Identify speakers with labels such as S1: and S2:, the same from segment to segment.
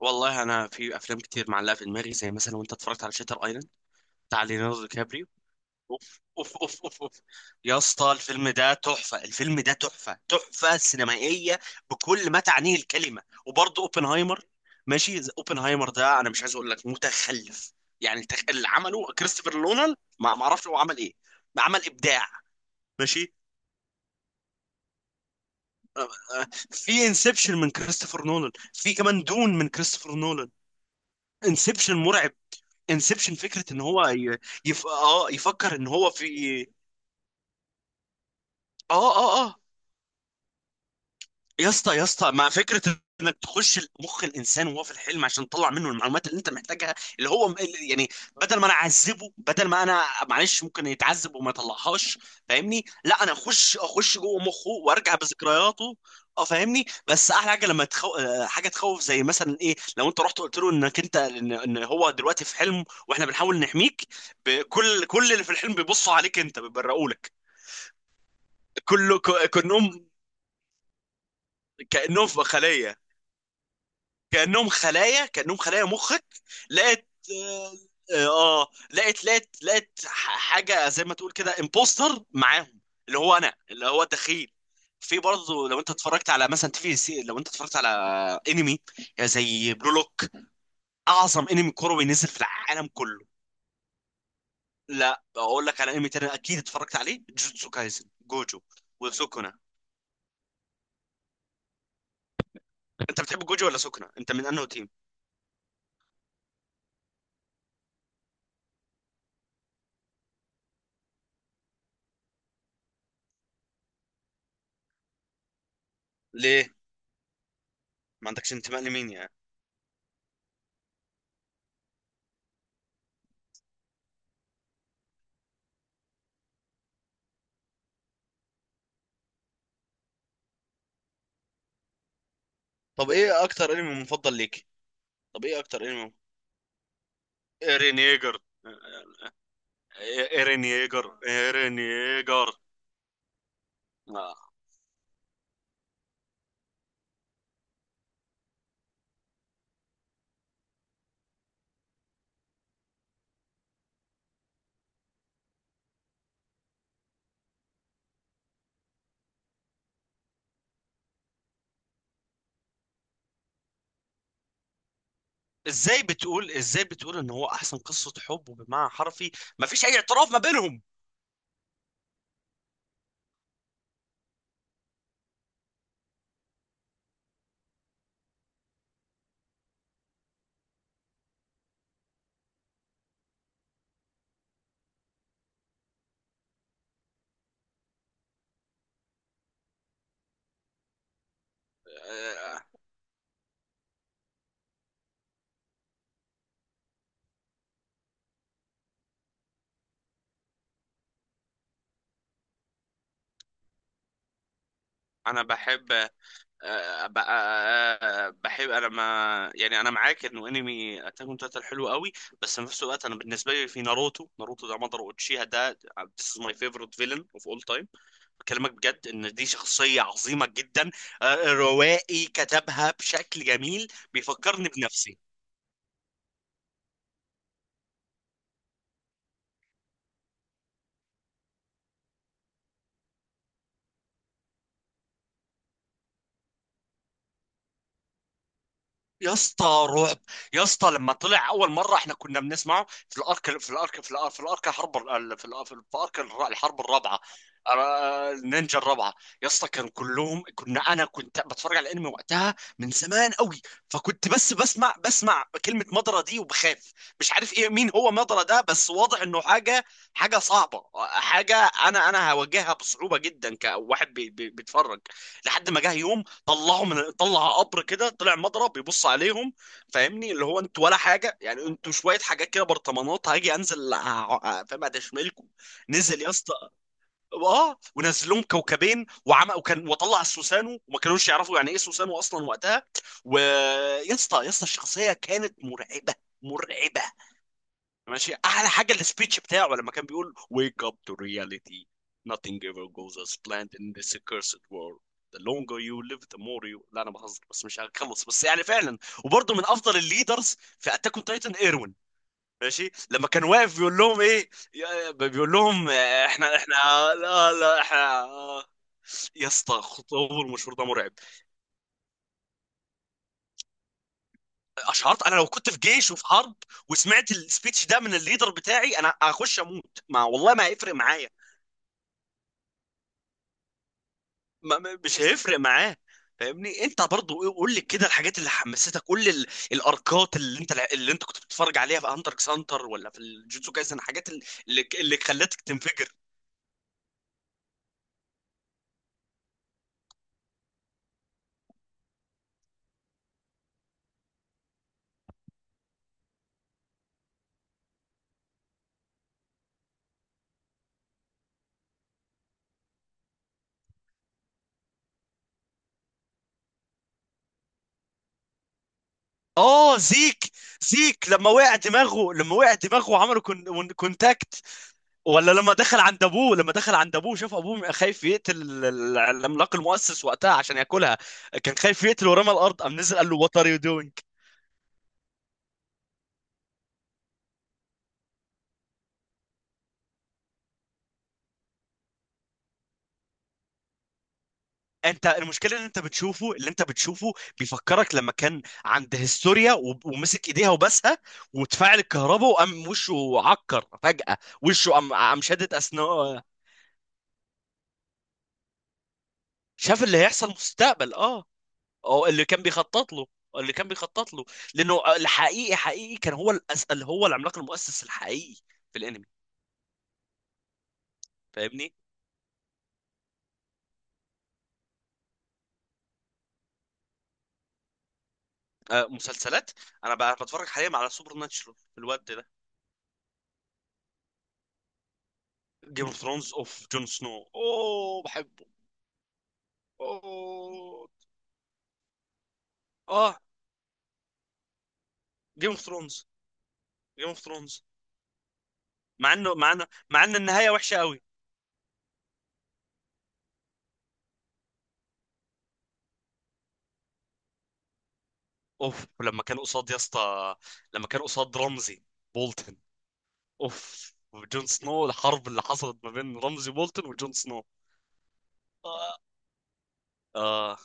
S1: والله انا في افلام كتير معلقه في دماغي، زي مثلا، وانت اتفرجت على شاتر ايلاند بتاع ليوناردو دي كابريو؟ اوف. يا اسطى الفيلم ده تحفه، الفيلم ده تحفه سينمائيه بكل ما تعنيه الكلمه. وبرضه اوبنهايمر. ماشي، اوبنهايمر ده انا مش عايز اقول لك متخلف، يعني اللي عمله كريستوفر نولان، ما اعرفش هو عمل ايه، عمل ابداع. ماشي. آه، في انسبشن من كريستوفر نولان، في كمان دون من كريستوفر نولان. انسبشن مرعب. انسبشن فكره ان هو ي... يف... اه يفكر ان هو في. اه. يا اسطى، يا اسطى، مع فكره انك تخش مخ الانسان وهو في الحلم عشان تطلع منه المعلومات اللي انت محتاجها، اللي هو يعني بدل ما انا اعذبه، بدل ما انا معلش ممكن يتعذب وما يطلعهاش، فاهمني؟ لا، انا اخش جوه مخه وارجع بذكرياته. اه، فاهمني؟ بس احلى حاجه لما تخو... آه، حاجه تخوف، زي مثلا ايه لو انت رحت قلت له انك انت إن هو دلوقتي في حلم واحنا بنحاول نحميك. كل اللي في الحلم بيبصوا عليك انت، بيبرقوا لك كله، كانهم، كانهم في خليه. كأنهم خلايا، كأنهم خلايا مخك. لقت، اه، لقت حاجة زي ما تقول كده امبوستر معاهم، اللي هو انا، اللي هو الدخيل. في برضه لو انت اتفرجت على مثلا تي في سي، لو انت اتفرجت على انمي، زي بلو لوك، اعظم انمي كروي نزل في العالم كله. لا، اقول لك على انمي تاني اكيد اتفرجت عليه، جوجوتسو كايزن، جوجو وسوكونا. انت بتحب جوجو ولا سوكونا؟ انت من انه تيم؟ ليه ما عندكش انتماء لمين يعني؟ طب ايه اكتر انمي مفضل ليك؟ طب ايه اكتر انمي؟ ايرين ييجر، ايرين ييجر. آه. ازاي بتقول، ازاي بتقول ان هو احسن قصة حب؟ وبمعنى حرفي ما فيش اي اعتراف ما بينهم. آه، انا بحب، آه، ب- آه، بحب، انا ما يعني انا معاك انه انمي اتاك اون تايتن حلو قوي، بس في نفس الوقت انا بالنسبه لي في ناروتو، ناروتو ده مضر اوتشيها ده، آه، this is my favorite villain of all time. بكلمك بجد ان دي شخصية عظيمة جدا. آه، روائي كتبها بشكل جميل. بيفكرني بنفسي. يا اسطى رعب. يا اسطى لما طلع اول مره احنا كنا بنسمعه في الارك، حرب في الارك في الارك الحرب الرابعه، آه، النينجا الرابعه. يا اسطى كانوا كلهم، انا كنت بتفرج على الانمي وقتها من زمان قوي، فكنت بس بسمع كلمه مضرة دي وبخاف، مش عارف ايه، مين هو مضرة ده؟ بس واضح انه حاجه، حاجه صعبه، حاجه انا هواجهها بصعوبه جدا كواحد بيتفرج، لحد ما جه يوم طلعه، من طلع قبر كده، طلع مضرب بيبص عليهم، فاهمني؟ اللي هو انتوا ولا حاجه يعني، انتوا شويه حاجات كده برطمانات، هاجي انزل فاهم ادشملكم. نزل يا اسطى، اه، ونزل لهم كوكبين وعمى، وكان وطلع السوسانو وما كانوش يعرفوا يعني ايه سوسانو اصلا وقتها. ويا اسطى، يا اسطى، الشخصيه كانت مرعبه، مرعبه. ماشي، احلى حاجه السبيتش بتاعه لما كان بيقول: "wake up to reality, nothing ever goes as planned in this cursed world, the longer you live the more you"، لا انا بهزر بس مش هخلص، بس يعني فعلا. وبرضه من افضل الليدرز في اتاك اون تايتن ايروين. ماشي، لما كان واقف بيقول لهم ايه، بيقول لهم، آه، احنا، احنا، لا لا، احنا. يا اسطى خطوه المشهور ده مرعب. اشعرت انا لو كنت في جيش وفي حرب وسمعت السبيتش ده من الليدر بتاعي انا هخش اموت، ما والله ما هيفرق معايا، مش هيفرق معاه، فاهمني؟ انت برضو ايه، قول لي كده الحاجات اللي حمستك، قول لي الاركات اللي انت، اللي انت كنت بتتفرج عليها في هانتر اكس هانتر ولا في الجوتسو كايسن، الحاجات اللي، اللي خلتك تنفجر. اه، زيك، زيك لما وقع دماغه، لما وقع دماغه وعملوا كون، كونتاكت. ولا لما دخل عند ابوه، لما دخل عند ابوه شاف ابوه خايف يقتل العملاق المؤسس وقتها عشان ياكلها، كان خايف يقتل، ورمى الارض، قام نزل قال له: وات ار يو دوينج. انت المشكله ان انت بتشوفه، اللي انت بتشوفه بيفكرك لما كان عند هيستوريا، ومسك ايديها وبسها، وتفاعل الكهرباء وقام وشه عكر فجاه، وشه قام شدد اسنانه. شاف اللي هيحصل مستقبل، اه، او اللي كان بيخطط له، اللي كان بيخطط له، لانه الحقيقي، حقيقي كان هو اللي هو العملاق المؤسس الحقيقي في الانمي. فاهمني؟ آه، مسلسلات. انا بقى بتفرج حاليا على سوبر ناتشورال الواد ده. جيم اوف ثرونز، اوف، جون سنو، اوه، بحبه. اوه. اه. جيم اوف ثرونز، جيم اوف ثرونز. مع انه، مع انه، مع ان النهايه وحشه قوي. اوف، لما كان قصاد يا اسطى، لما كان قصاد رمزي بولتن، اوف، وجون سنو، الحرب اللي حصلت ما بين رمزي بولتن وجون سنو. اه اه,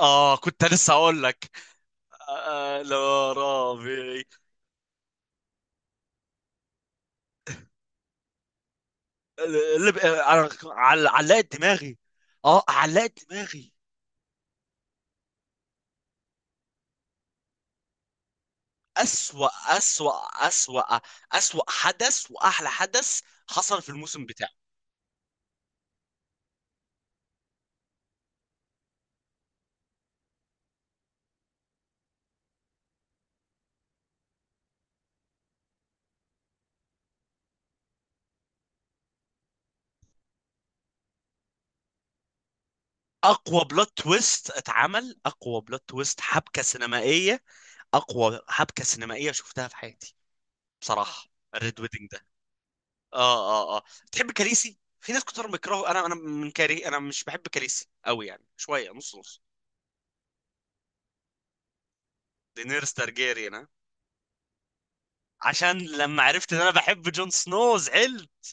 S1: آه كنت لسه اقول لك. آه، لا، رابي. اللي ب- آه، علقت دماغي. اه، علقت دماغي. أسوأ، أسوأ، أسوأ، أسوأ حدث وأحلى حدث حصل في الموسم. اقوى بلوت تويست اتعمل، اقوى بلوت تويست حبكه سينمائيه، اقوى حبكه سينمائيه شفتها في حياتي بصراحه، الريد ويدنج ده. اه. تحب كاليسي؟ في ناس كتير بيكرهوا، انا من كاري، انا مش بحب كاليسي قوي، يعني شويه نص نص. دينيرس تارجيريان، ها؟ عشان لما عرفت ان انا بحب جون سنو زعلت.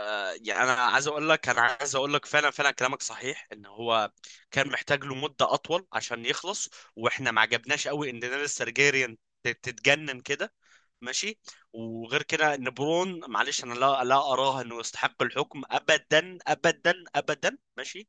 S1: آه، يعني انا عايز اقول لك، انا عايز اقول لك فعلا، فعلا كلامك صحيح ان هو كان محتاج له مدة أطول عشان يخلص، وإحنا ما عجبناش قوي إن دينيريس تارجيريان تتجنن كده، ماشي. وغير كده ان برون، معلش انا، لا لا، اراه انه يستحق الحكم ابدا، ابدا، ابدا، ماشي.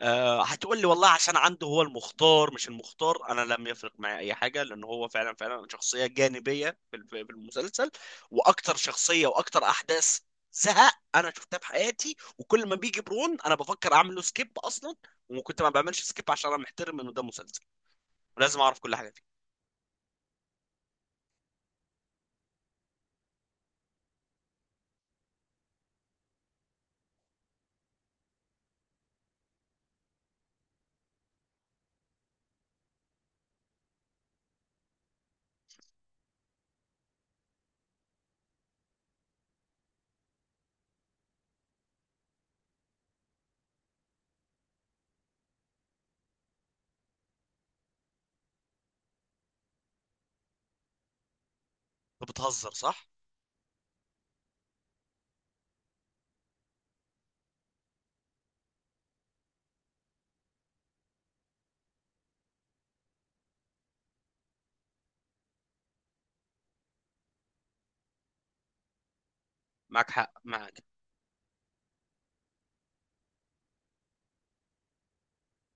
S1: أه، هتقول لي والله عشان عنده هو المختار، مش المختار، انا لم يفرق معي اي حاجه، لان هو فعلا، فعلا شخصيه جانبيه في في المسلسل، واكتر شخصيه واكتر احداث زهق انا شفتها في حياتي، وكل ما بيجي برون انا بفكر اعمل له سكيب اصلا، وكنت ما بعملش سكيب عشان انا محترم انه ده مسلسل ولازم اعرف كل حاجه فيه. بتهزر؟ صح. معك حق، معك.